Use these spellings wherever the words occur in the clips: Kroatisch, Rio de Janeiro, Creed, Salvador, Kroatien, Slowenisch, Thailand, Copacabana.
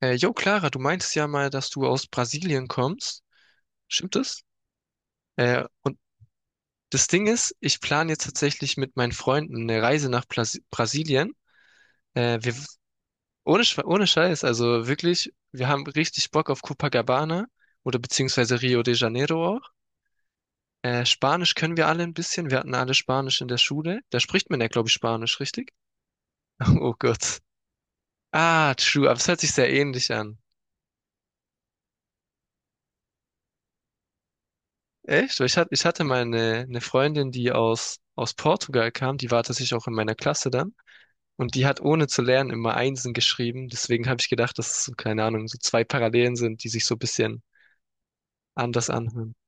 Jo, Clara, du meintest ja mal, dass du aus Brasilien kommst. Stimmt das? Und das Ding ist, ich plane jetzt tatsächlich mit meinen Freunden eine Reise nach Plas Brasilien. Äh, wir, ohne Scheiß, also wirklich, wir haben richtig Bock auf Copacabana oder beziehungsweise Rio de Janeiro auch. Spanisch können wir alle ein bisschen. Wir hatten alle Spanisch in der Schule. Da spricht man ja, glaube ich, Spanisch, richtig? Oh Gott. Ah, true, aber es hört sich sehr ähnlich an. Echt? Weil ich hatte mal eine Freundin, die aus Portugal kam, die war tatsächlich auch in meiner Klasse dann. Und die hat ohne zu lernen immer Einsen geschrieben. Deswegen habe ich gedacht, dass es so, keine Ahnung, so zwei Parallelen sind, die sich so ein bisschen anders anhören.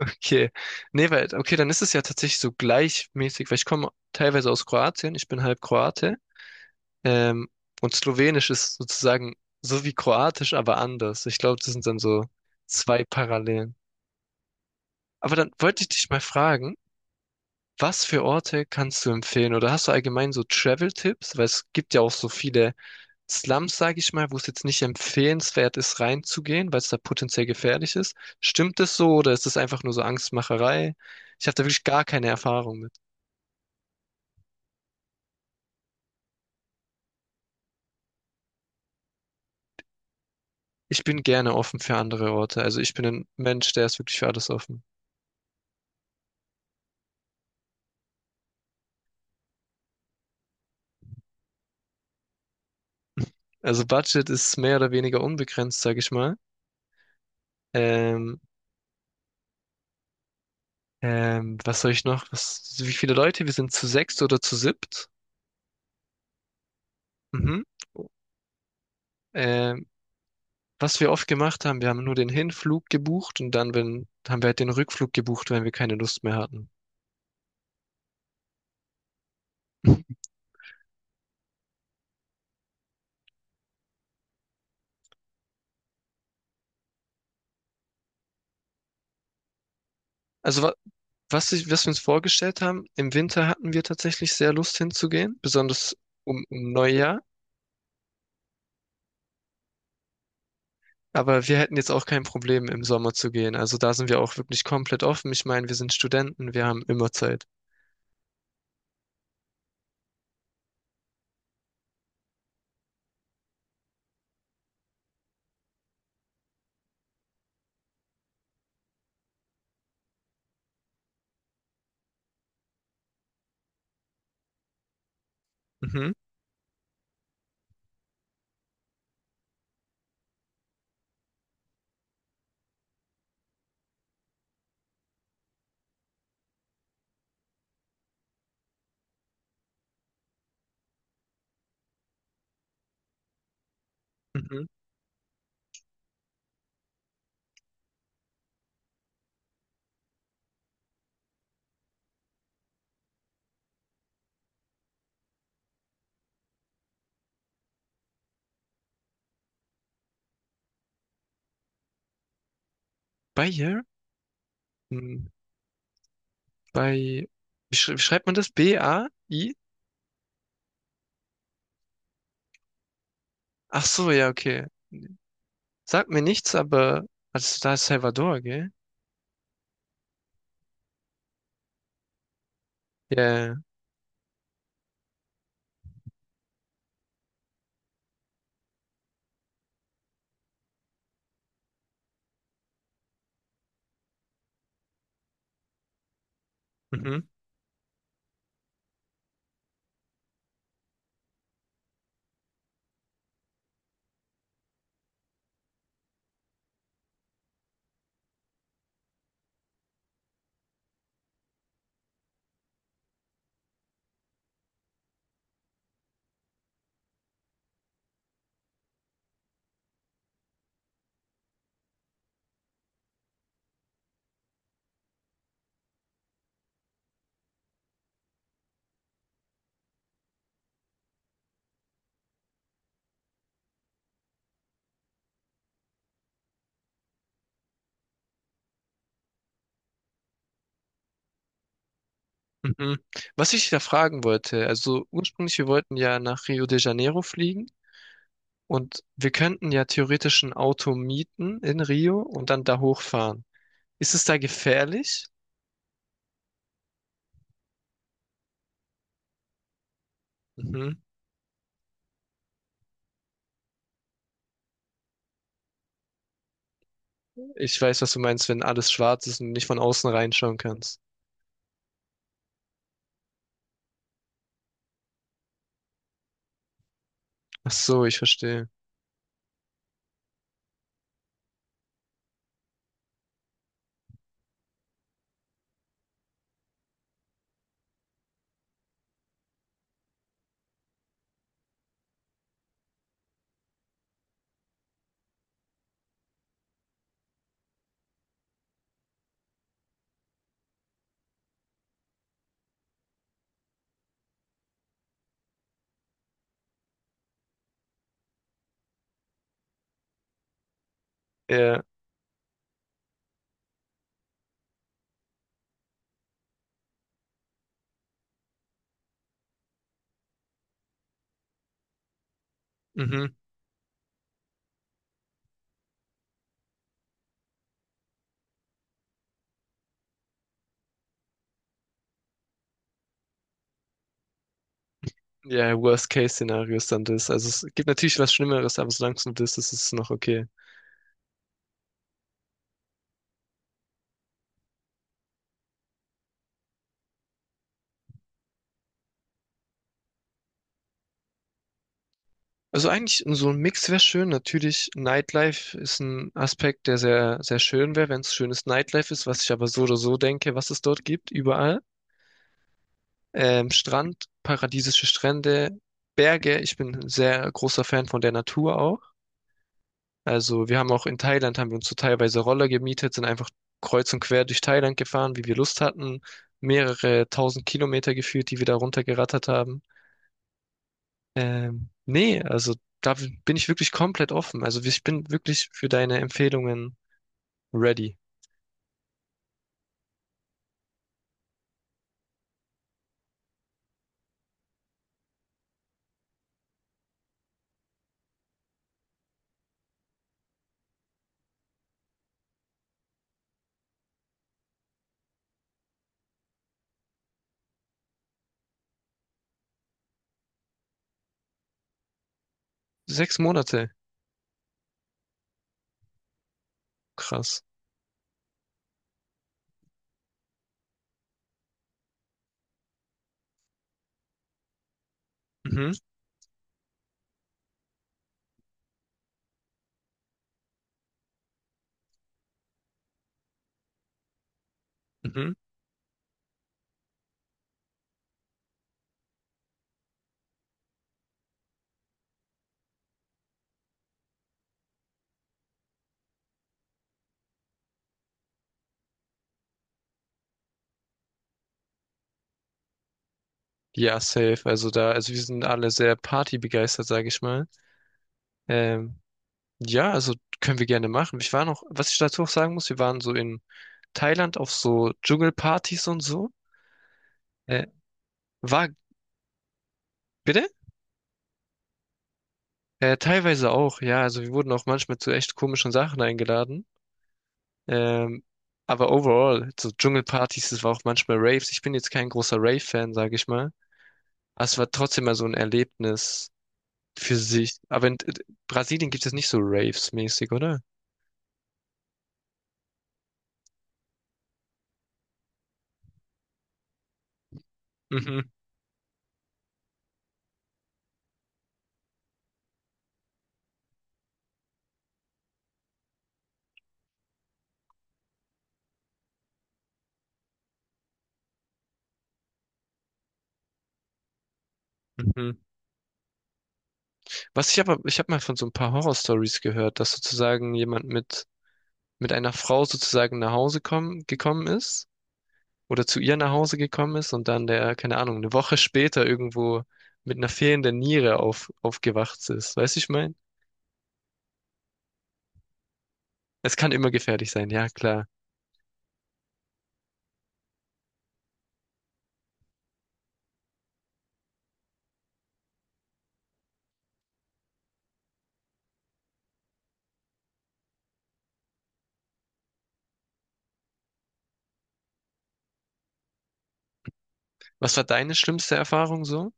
Okay. Nee, weil, okay, dann ist es ja tatsächlich so gleichmäßig, weil ich komme teilweise aus Kroatien, ich bin halb Kroate. Ähm, und Slowenisch ist sozusagen so wie Kroatisch, aber anders. Ich glaube, das sind dann so zwei Parallelen. Aber dann wollte ich dich mal fragen: Was für Orte kannst du empfehlen? Oder hast du allgemein so Travel-Tipps? Weil es gibt ja auch so viele Slums, sage ich mal, wo es jetzt nicht empfehlenswert ist, reinzugehen, weil es da potenziell gefährlich ist. Stimmt das so oder ist das einfach nur so Angstmacherei? Ich habe da wirklich gar keine Erfahrung mit. Ich bin gerne offen für andere Orte. Also ich bin ein Mensch, der ist wirklich für alles offen. Also Budget ist mehr oder weniger unbegrenzt, sage ich mal. Ähm, Was soll ich noch? Wie viele Leute? Wir sind zu sechst oder zu siebt. Mhm. Ähm, Was wir oft gemacht haben, wir haben nur den Hinflug gebucht und dann, wenn, haben wir halt den Rückflug gebucht, wenn wir keine Lust mehr hatten. Also was wir uns vorgestellt haben, im Winter hatten wir tatsächlich sehr Lust hinzugehen, besonders um Neujahr. Aber wir hätten jetzt auch kein Problem, im Sommer zu gehen. Also da sind wir auch wirklich komplett offen. Ich meine, wir sind Studenten, wir haben immer Zeit. Mhm, mhm. Bei ihr? Hm. Bei, wie schreibt man das? B-A-I? Ach so, ja, okay. Sagt mir nichts, aber also da ist Salvador, gell? Ja, ja, ja. Mhm, mhm. Was ich da fragen wollte, also ursprünglich, wir wollten ja nach Rio de Janeiro fliegen und wir könnten ja theoretisch ein Auto mieten in Rio und dann da hochfahren. Ist es da gefährlich? Mhm. Ich weiß, was du meinst, wenn alles schwarz ist und du nicht von außen reinschauen kannst. Ach so, ich verstehe. Ja, mhm. Ja, Worst-Case-Szenario ist dann das. Also es gibt natürlich was Schlimmeres, aber solange es nur das ist, ist es noch okay. Also eigentlich so ein Mix wäre schön. Natürlich, Nightlife ist ein Aspekt, der sehr, sehr schön wäre, wenn es schönes Nightlife ist, was ich aber so oder so denke, was es dort gibt, überall. Strand, paradiesische Strände, Berge. Ich bin ein sehr großer Fan von der Natur auch. Also wir haben auch in Thailand, haben wir uns so teilweise Roller gemietet, sind einfach kreuz und quer durch Thailand gefahren, wie wir Lust hatten. Mehrere tausend Kilometer geführt, die wir da runtergerattert haben. Nee, also da bin ich wirklich komplett offen. Also ich bin wirklich für deine Empfehlungen ready. 6 Monate, krass. Mhm, mhm. Ja, safe. Also da, also wir sind alle sehr partybegeistert, sage ich mal. Ähm, Ja, also können wir gerne machen. Was ich dazu auch sagen muss, wir waren so in Thailand auf so Dschungelpartys und so. Äh, war, Bitte? Teilweise auch, ja. Also wir wurden auch manchmal zu echt komischen Sachen eingeladen. Ähm, aber overall, so Dschungelpartys, das war auch manchmal Raves. Ich bin jetzt kein großer Rave-Fan, sage ich mal. Aber es war trotzdem mal so ein Erlebnis für sich. Aber in Brasilien gibt es nicht so Raves-mäßig, oder? Mhm, mhm. Ich habe mal von so ein paar Horror-Stories gehört, dass sozusagen jemand mit einer Frau sozusagen nach Hause gekommen ist oder zu ihr nach Hause gekommen ist und dann der, keine Ahnung, eine Woche später irgendwo mit einer fehlenden Niere aufgewacht ist. Weißt du, ich mein? Es kann immer gefährlich sein, ja klar. Was war deine schlimmste Erfahrung so?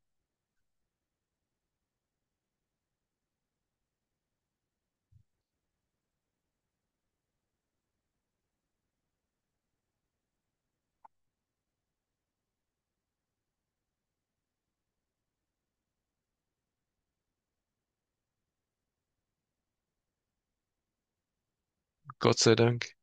Gott sei Dank.